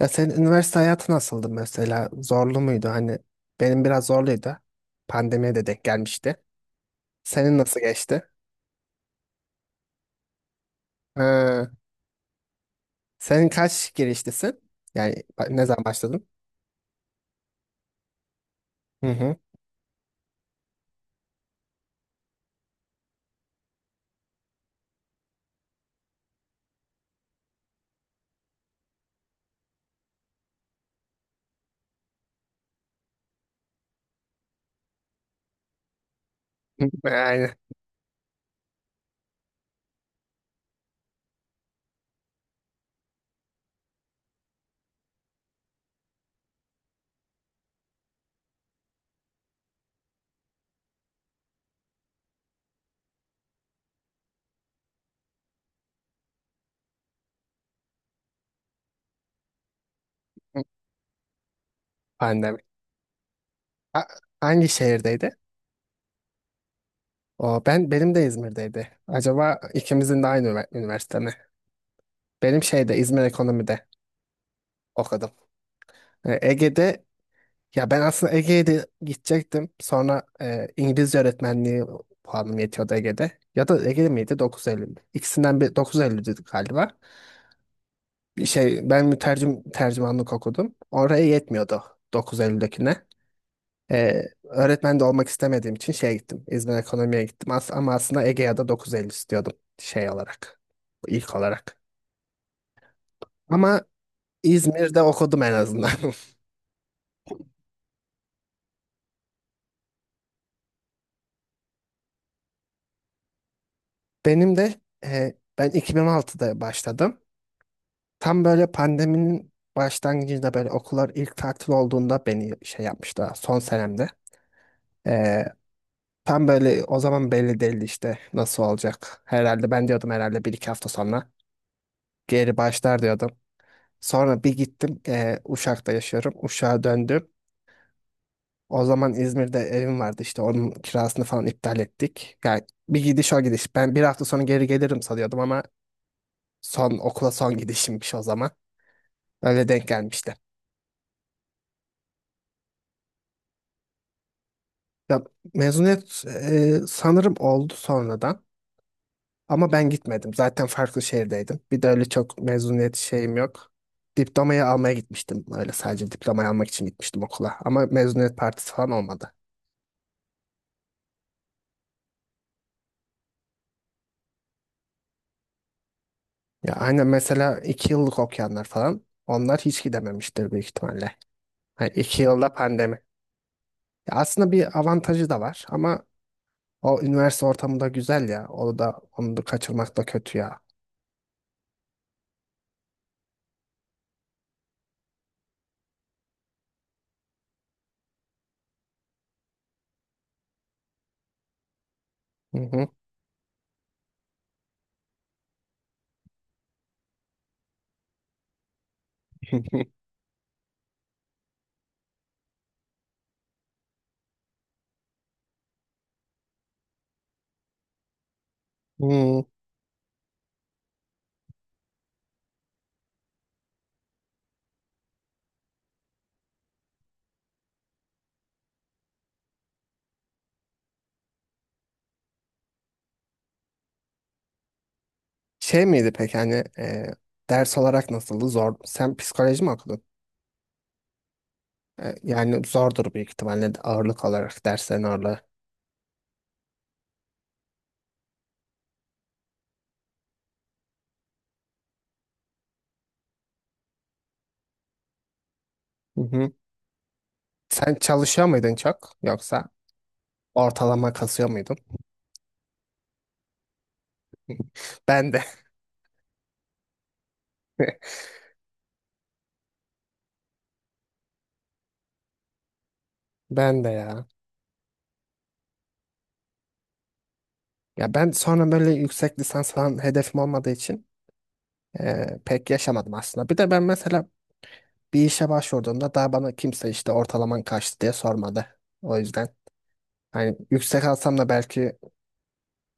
Ya senin üniversite hayatı nasıldı mesela? Zorlu muydu? Hani benim biraz zorluydu. Pandemiye de denk gelmişti. Senin nasıl geçti? Ha, senin kaç girişlisin? Yani ne zaman başladın? Hı hı. Hı. Yani hı, pandemi. Ha- hangi şehirdeydi? O ben benim de İzmir'deydi. Acaba ikimizin de aynı üniversite mi? Benim şeyde İzmir Ekonomi'de okudum. E, Ege'de Ya ben aslında Ege'ye de gidecektim. Sonra İngilizce öğretmenliği puanım yetiyordu Ege'de. Ya da Ege'de miydi? 9.50 mi? İkisinden bir 9.50 dedik galiba. Bir şey ben mütercim tercümanlık okudum. Oraya yetmiyordu 9.50'dekine. Öğretmen de olmak istemediğim için şeye gittim. İzmir Ekonomi'ye gittim. Ama aslında Ege'ye de 9.50 istiyordum şey olarak. İlk olarak. Ama İzmir'de okudum en azından. Benim de ben 2006'da başladım. Tam böyle pandeminin başlangıcında böyle okullar ilk tatil olduğunda beni şey yapmıştı son senemde. Ee, Tam böyle o zaman belli değildi işte nasıl olacak. Herhalde ben diyordum herhalde bir iki hafta sonra geri başlar diyordum. Sonra bir gittim Uşak'ta yaşıyorum. Uşak'a döndüm. O zaman İzmir'de evim vardı, işte onun kirasını falan iptal ettik. Yani bir gidiş o gidiş. Ben bir hafta sonra geri gelirim sanıyordum ama son okula son gidişimmiş o zaman. Öyle denk gelmişti. Ya, mezuniyet sanırım oldu sonradan ama ben gitmedim. Zaten farklı şehirdeydim. Bir de öyle çok mezuniyet şeyim yok. Diplomayı almaya gitmiştim. Öyle sadece diplomayı almak için gitmiştim okula. Ama mezuniyet partisi falan olmadı. Ya aynen, mesela 2 yıllık okuyanlar falan, onlar hiç gidememiştir büyük ihtimalle. Ha, 2 yılda pandemi. Ya aslında bir avantajı da var ama o üniversite ortamı da güzel ya. Onu da onu da kaçırmak da kötü ya. Hı hı. Hmm. Şey miydi peki hani ders olarak nasıldı? Zor. Sen psikoloji mi okudun? Yani zordur büyük ihtimalle de, ağırlık olarak derslerin ağırlığı. Hı hı. Sen çalışıyor muydun çok, yoksa ortalama kasıyor muydun? Ben de. Ben de ya. Ya ben sonra böyle yüksek lisans falan hedefim olmadığı için pek yaşamadım aslında. Bir de ben mesela bir işe başvurduğumda daha bana kimse işte ortalaman kaçtı diye sormadı. O yüzden hani yüksek alsam da belki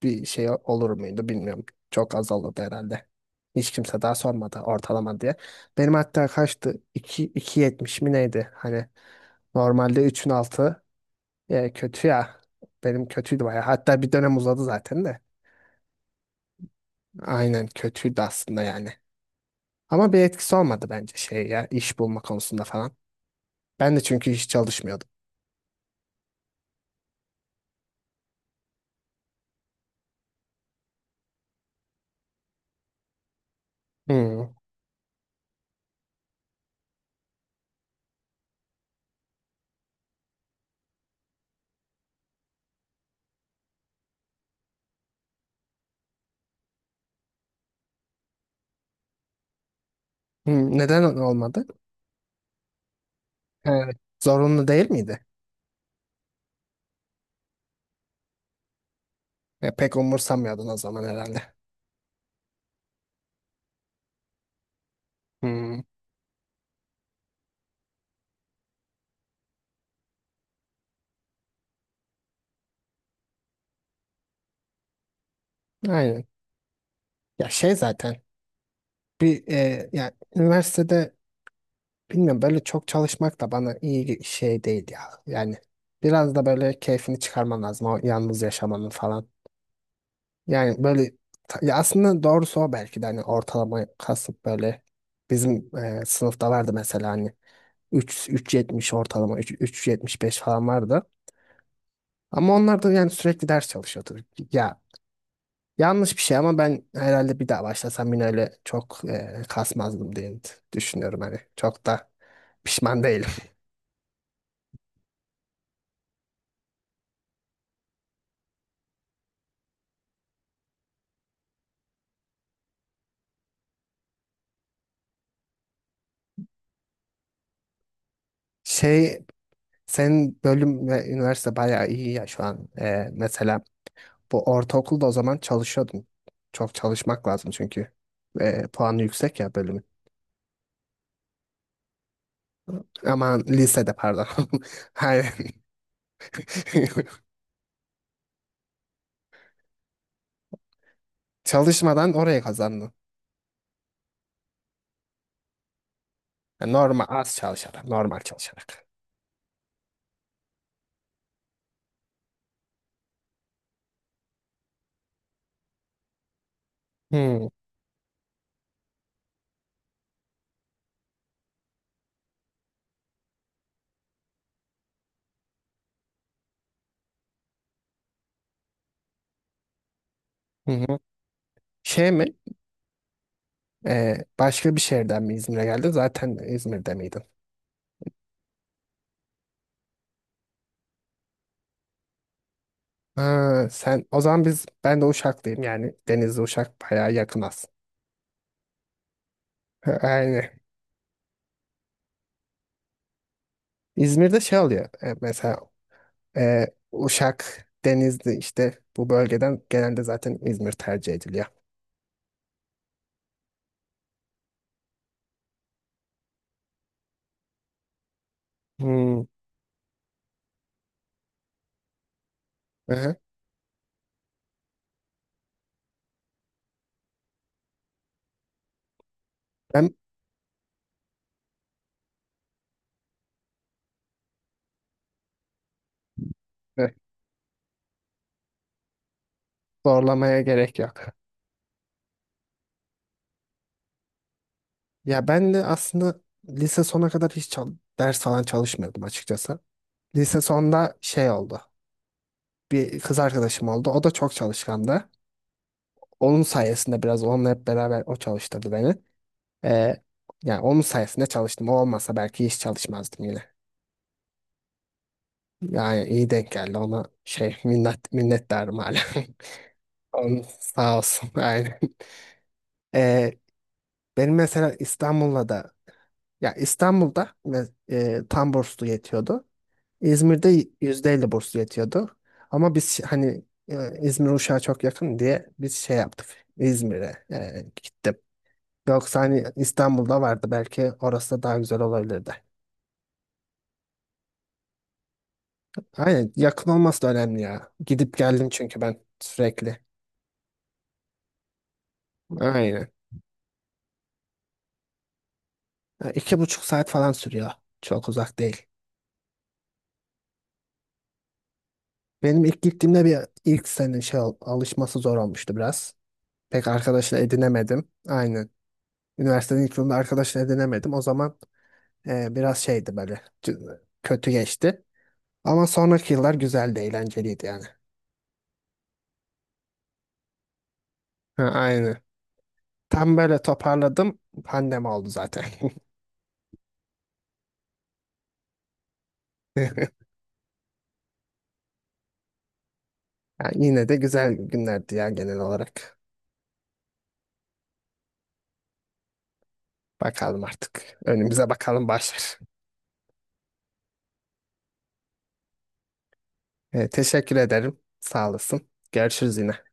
bir şey olur muydu bilmiyorum. Çok az olurdu herhalde. Hiç kimse daha sormadı ortalama diye. Benim hatta kaçtı? İki iki 2.70 mi neydi? Hani normalde üçün altı kötü ya. Benim kötüydü bayağı. Hatta bir dönem uzadı zaten de. Aynen kötüydü aslında yani. Ama bir etkisi olmadı bence şey ya, iş bulma konusunda falan. Ben de çünkü hiç çalışmıyordum. Hmm. Hmm, neden olmadı? Evet. Zorunlu değil miydi? Ya, pek umursamıyordun o zaman herhalde. Hmm, aynen. Ya şey zaten bir ya üniversitede bilmiyorum, böyle çok çalışmak da bana iyi bir şey değil ya. Yani biraz da böyle keyfini çıkarman lazım o yalnız yaşamanın falan. Yani böyle ya aslında doğrusu o, belki de hani ortalama kasıp böyle, bizim sınıfta vardı mesela hani 3 3.70 ortalama, 3 3.75 falan vardı. Ama onlar da yani sürekli ders çalışıyordu. Ya, yanlış bir şey ama ben herhalde bir daha başlasam yine öyle çok kasmazdım diye düşünüyorum hani. Çok da pişman değilim. Şey Senin bölüm ve üniversite bayağı iyi ya şu an. Mesela bu ortaokulda o zaman çalışıyordum. Çok çalışmak lazım çünkü. Puanı yüksek ya bölümün. Aman, lisede pardon. Hayır. Çalışmadan oraya kazandım. Yani normal az çalışarak, normal çalışarak. Hmm, hı hı. Şey mi? Başka bir şehirden mi İzmir'e geldin? Zaten İzmir'de miydin? Ha, sen o zaman, ben de Uşaklıyım yani, Denizli Uşak bayağı yakın aslında. Aynen. İzmir'de şey oluyor. Mesela Ee, Uşak, Denizli, işte bu bölgeden genelde zaten İzmir tercih ediliyor. Hmm. Aha. Ben evet, zorlamaya gerek yok. Ya ben de aslında lise sona kadar hiç ders falan çalışmıyordum açıkçası. Lise sonda şey oldu. Bir kız arkadaşım oldu. O da çok çalışkandı. Onun sayesinde biraz, onunla hep beraber o çalıştırdı beni. Ee, Yani onun sayesinde çalıştım. O olmasa belki hiç çalışmazdım yine. Yani iyi denk geldi, ona minnettarım hala. Onu sağ olsun, aynen. Ee, Benim mesela İstanbul'la da, ya İstanbul'da tam burslu yetiyordu. İzmir'de %50 burslu yetiyordu. Ama biz hani İzmir Uşak'a çok yakın diye biz şey yaptık. İzmir'e gittim. Yoksa hani İstanbul'da vardı, belki orası da daha güzel olabilirdi. Aynen, yakın olması da önemli ya. Gidip geldim çünkü ben sürekli. Aynen. Ya, 2,5 saat falan sürüyor. Çok uzak değil. Benim ilk gittiğimde bir, ilk sene alışması zor olmuştu biraz. Pek arkadaşını edinemedim. Aynen. Üniversitenin ilk yılında arkadaşını edinemedim. O zaman biraz şeydi böyle, kötü geçti. Ama sonraki yıllar güzeldi, eğlenceliydi yani. Ha, aynen. Tam böyle toparladım. Pandemi oldu zaten. Yani yine de güzel günlerdi ya genel olarak. Bakalım artık. Önümüze bakalım, başlar. Teşekkür ederim. Sağ olasın. Görüşürüz yine.